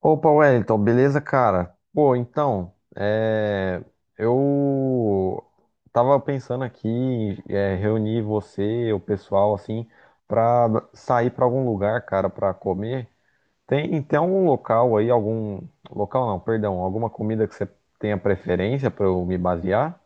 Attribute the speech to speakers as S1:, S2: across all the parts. S1: Opa, Wellington, beleza, cara? Pô, então, eu tava pensando aqui em reunir você, o pessoal, assim, pra sair pra algum lugar, cara, pra comer. Tem algum local aí, algum... Local não, perdão, alguma comida que você tenha preferência pra eu me basear?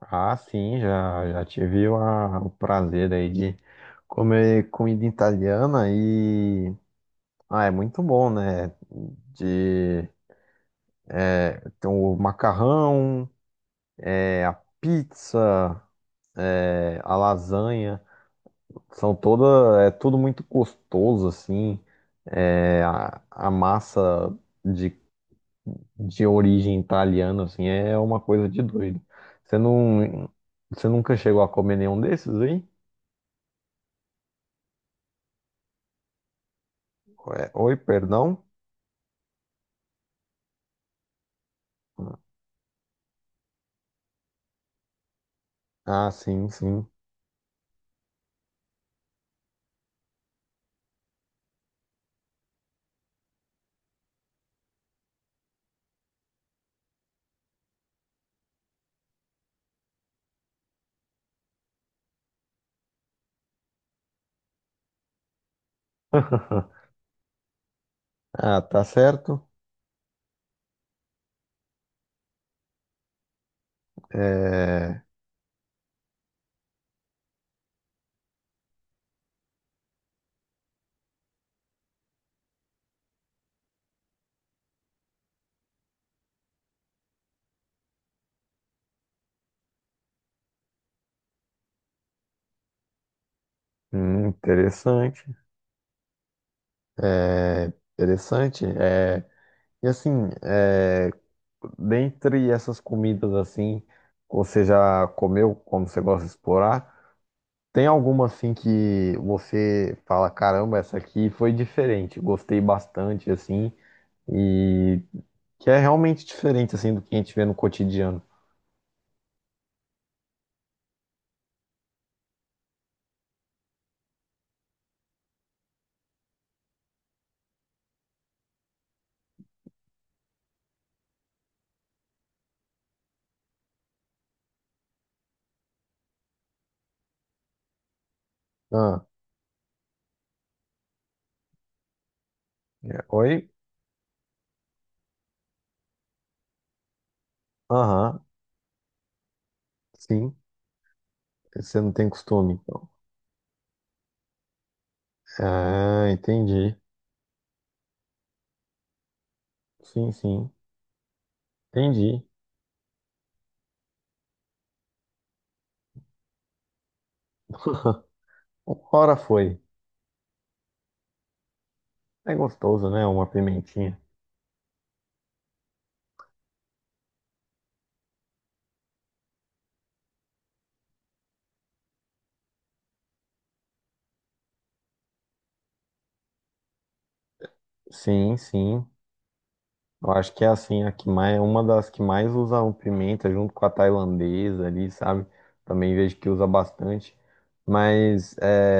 S1: Ah, sim, já tive o prazer aí de comer comida italiana e... Ah, é muito bom, né? É, tem o macarrão, é, a pizza, é, a lasanha. São toda, é tudo muito gostoso, assim. A massa de, de origem italiana, assim, é uma coisa de doido. Você não, você nunca chegou a comer nenhum desses aí? Ué, oi, perdão? Ah, sim, sim. Ah, tá certo. É, interessante. É, interessante. E assim, é, dentre essas comidas assim, que você já comeu, como você gosta de explorar, tem alguma assim que você fala, caramba, essa aqui foi diferente, gostei bastante assim, e que é realmente diferente assim do que a gente vê no cotidiano. Ah, oi? Aham, sim, você não tem costume, então. Ah, entendi. Sim, sim, entendi. Ora foi. É gostoso, né? Uma pimentinha. Sim, sim. Eu acho que é assim, a que mais, é uma das que mais usa o pimenta junto com a tailandesa ali, sabe? Também vejo que usa bastante. Mas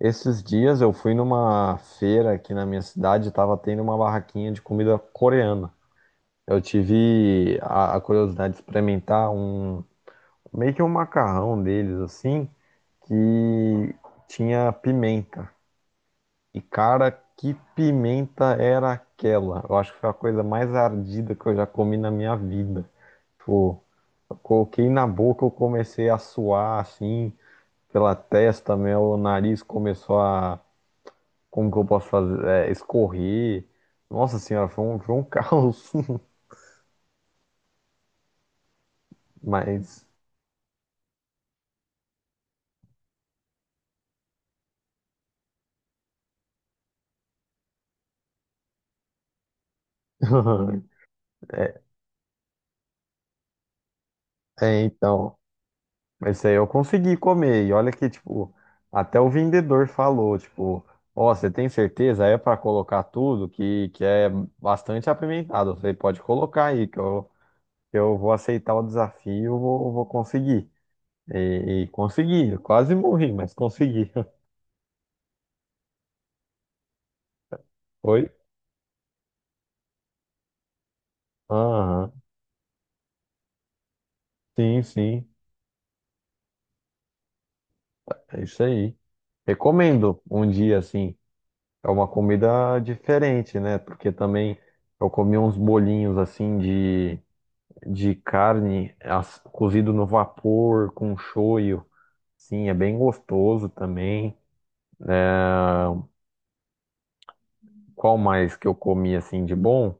S1: esses dias eu fui numa feira aqui na minha cidade, tava tendo uma barraquinha de comida coreana. Eu tive a curiosidade de experimentar um meio que um macarrão deles assim, que tinha pimenta. E cara, que pimenta era aquela? Eu acho que foi a coisa mais ardida que eu já comi na minha vida. Tipo, eu coloquei na boca, eu comecei a suar assim, pela testa, meu nariz começou a, como que eu posso fazer? É, escorrer. Nossa senhora, foi um caos. Mas, é, então. Mas isso aí eu consegui comer. E olha que, tipo, até o vendedor falou, tipo, ó, você tem certeza? É pra colocar tudo que é bastante apimentado. Você pode colocar aí, que eu vou aceitar o desafio, vou conseguir. E consegui, eu quase morri, mas consegui. Foi? Aham, sim, sim, é isso aí. Recomendo um dia, assim, é uma comida diferente, né? Porque também eu comi uns bolinhos, assim, de carne cozido no vapor com shoyu. Sim, é bem gostoso também. Qual mais que eu comi assim de bom?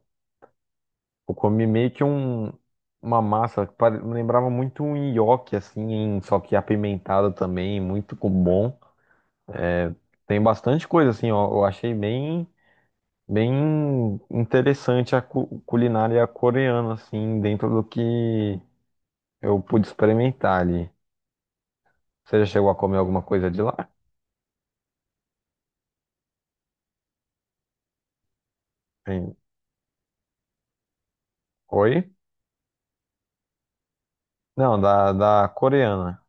S1: Eu comi meio que uma massa que me lembrava muito um nhoque assim, só que apimentado também, bom. Tem bastante coisa assim, ó, eu achei bem bem interessante a culinária coreana assim, dentro do que eu pude experimentar ali. Você já chegou a comer alguma coisa de lá? Hein? Oi? Não, da coreana.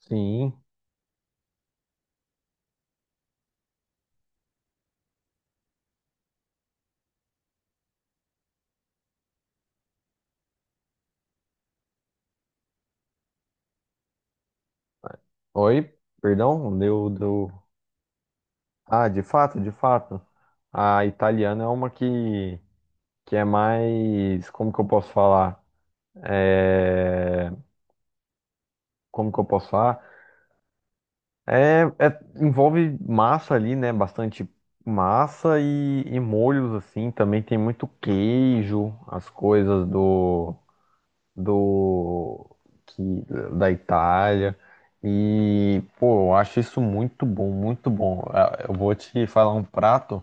S1: Sim. Oi, perdão, deu. Ah, de fato, de fato. A italiana é uma que é mais. Como que eu posso falar? É, como que eu posso falar? Envolve massa ali, né? Bastante massa e molhos, assim. Também tem muito queijo, as coisas do. Do que, da Itália. E, pô, eu acho isso muito bom, muito bom. Ah, eu vou te falar um prato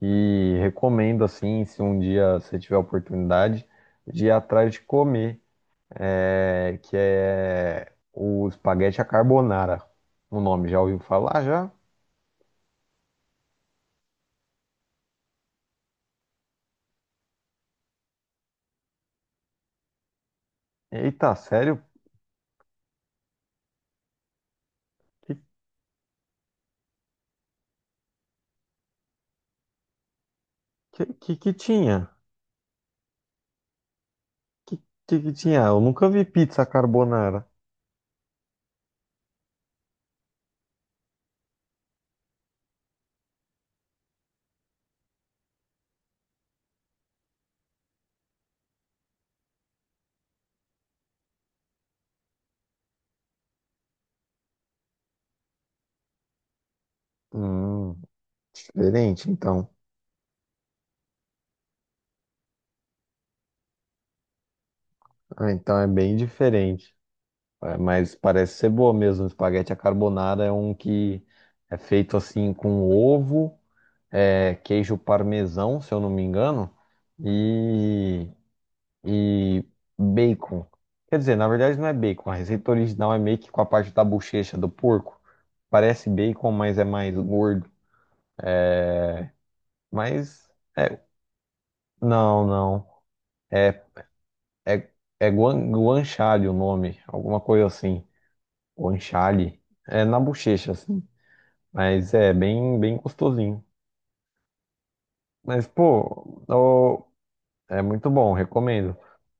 S1: e recomendo, assim, se um dia você tiver a oportunidade, de ir atrás de comer, que é o espaguete à carbonara. O nome, já ouviu falar já? Eita, sério? Que que tinha? Que, que tinha? Eu nunca vi pizza carbonara. Hum, diferente, então. Ah, então é bem diferente. É, mas parece ser boa mesmo. Espaguete à carbonara é um que é feito assim com ovo, é, queijo parmesão, se eu não me engano, e, e bacon. Quer dizer, na verdade não é bacon. A receita original é meio que com a parte da bochecha do porco. Parece bacon, mas é mais gordo. Mas é, não, não. É, é, é guanciale o nome, alguma coisa assim. Guanciale. É na bochecha, assim. Mas é bem, bem gostosinho. Mas, pô, ô, é muito bom, recomendo.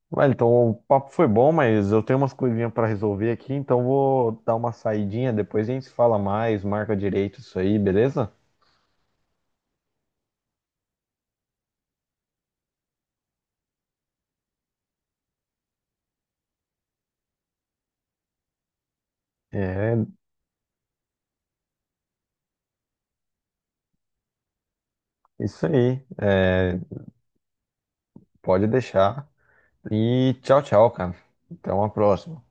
S1: Vai, então o papo foi bom, mas eu tenho umas coisinhas para resolver aqui, então vou dar uma saidinha, depois a gente se fala mais, marca direito isso aí, beleza? É, isso aí. É, pode deixar. E tchau, tchau, cara. Até uma próxima.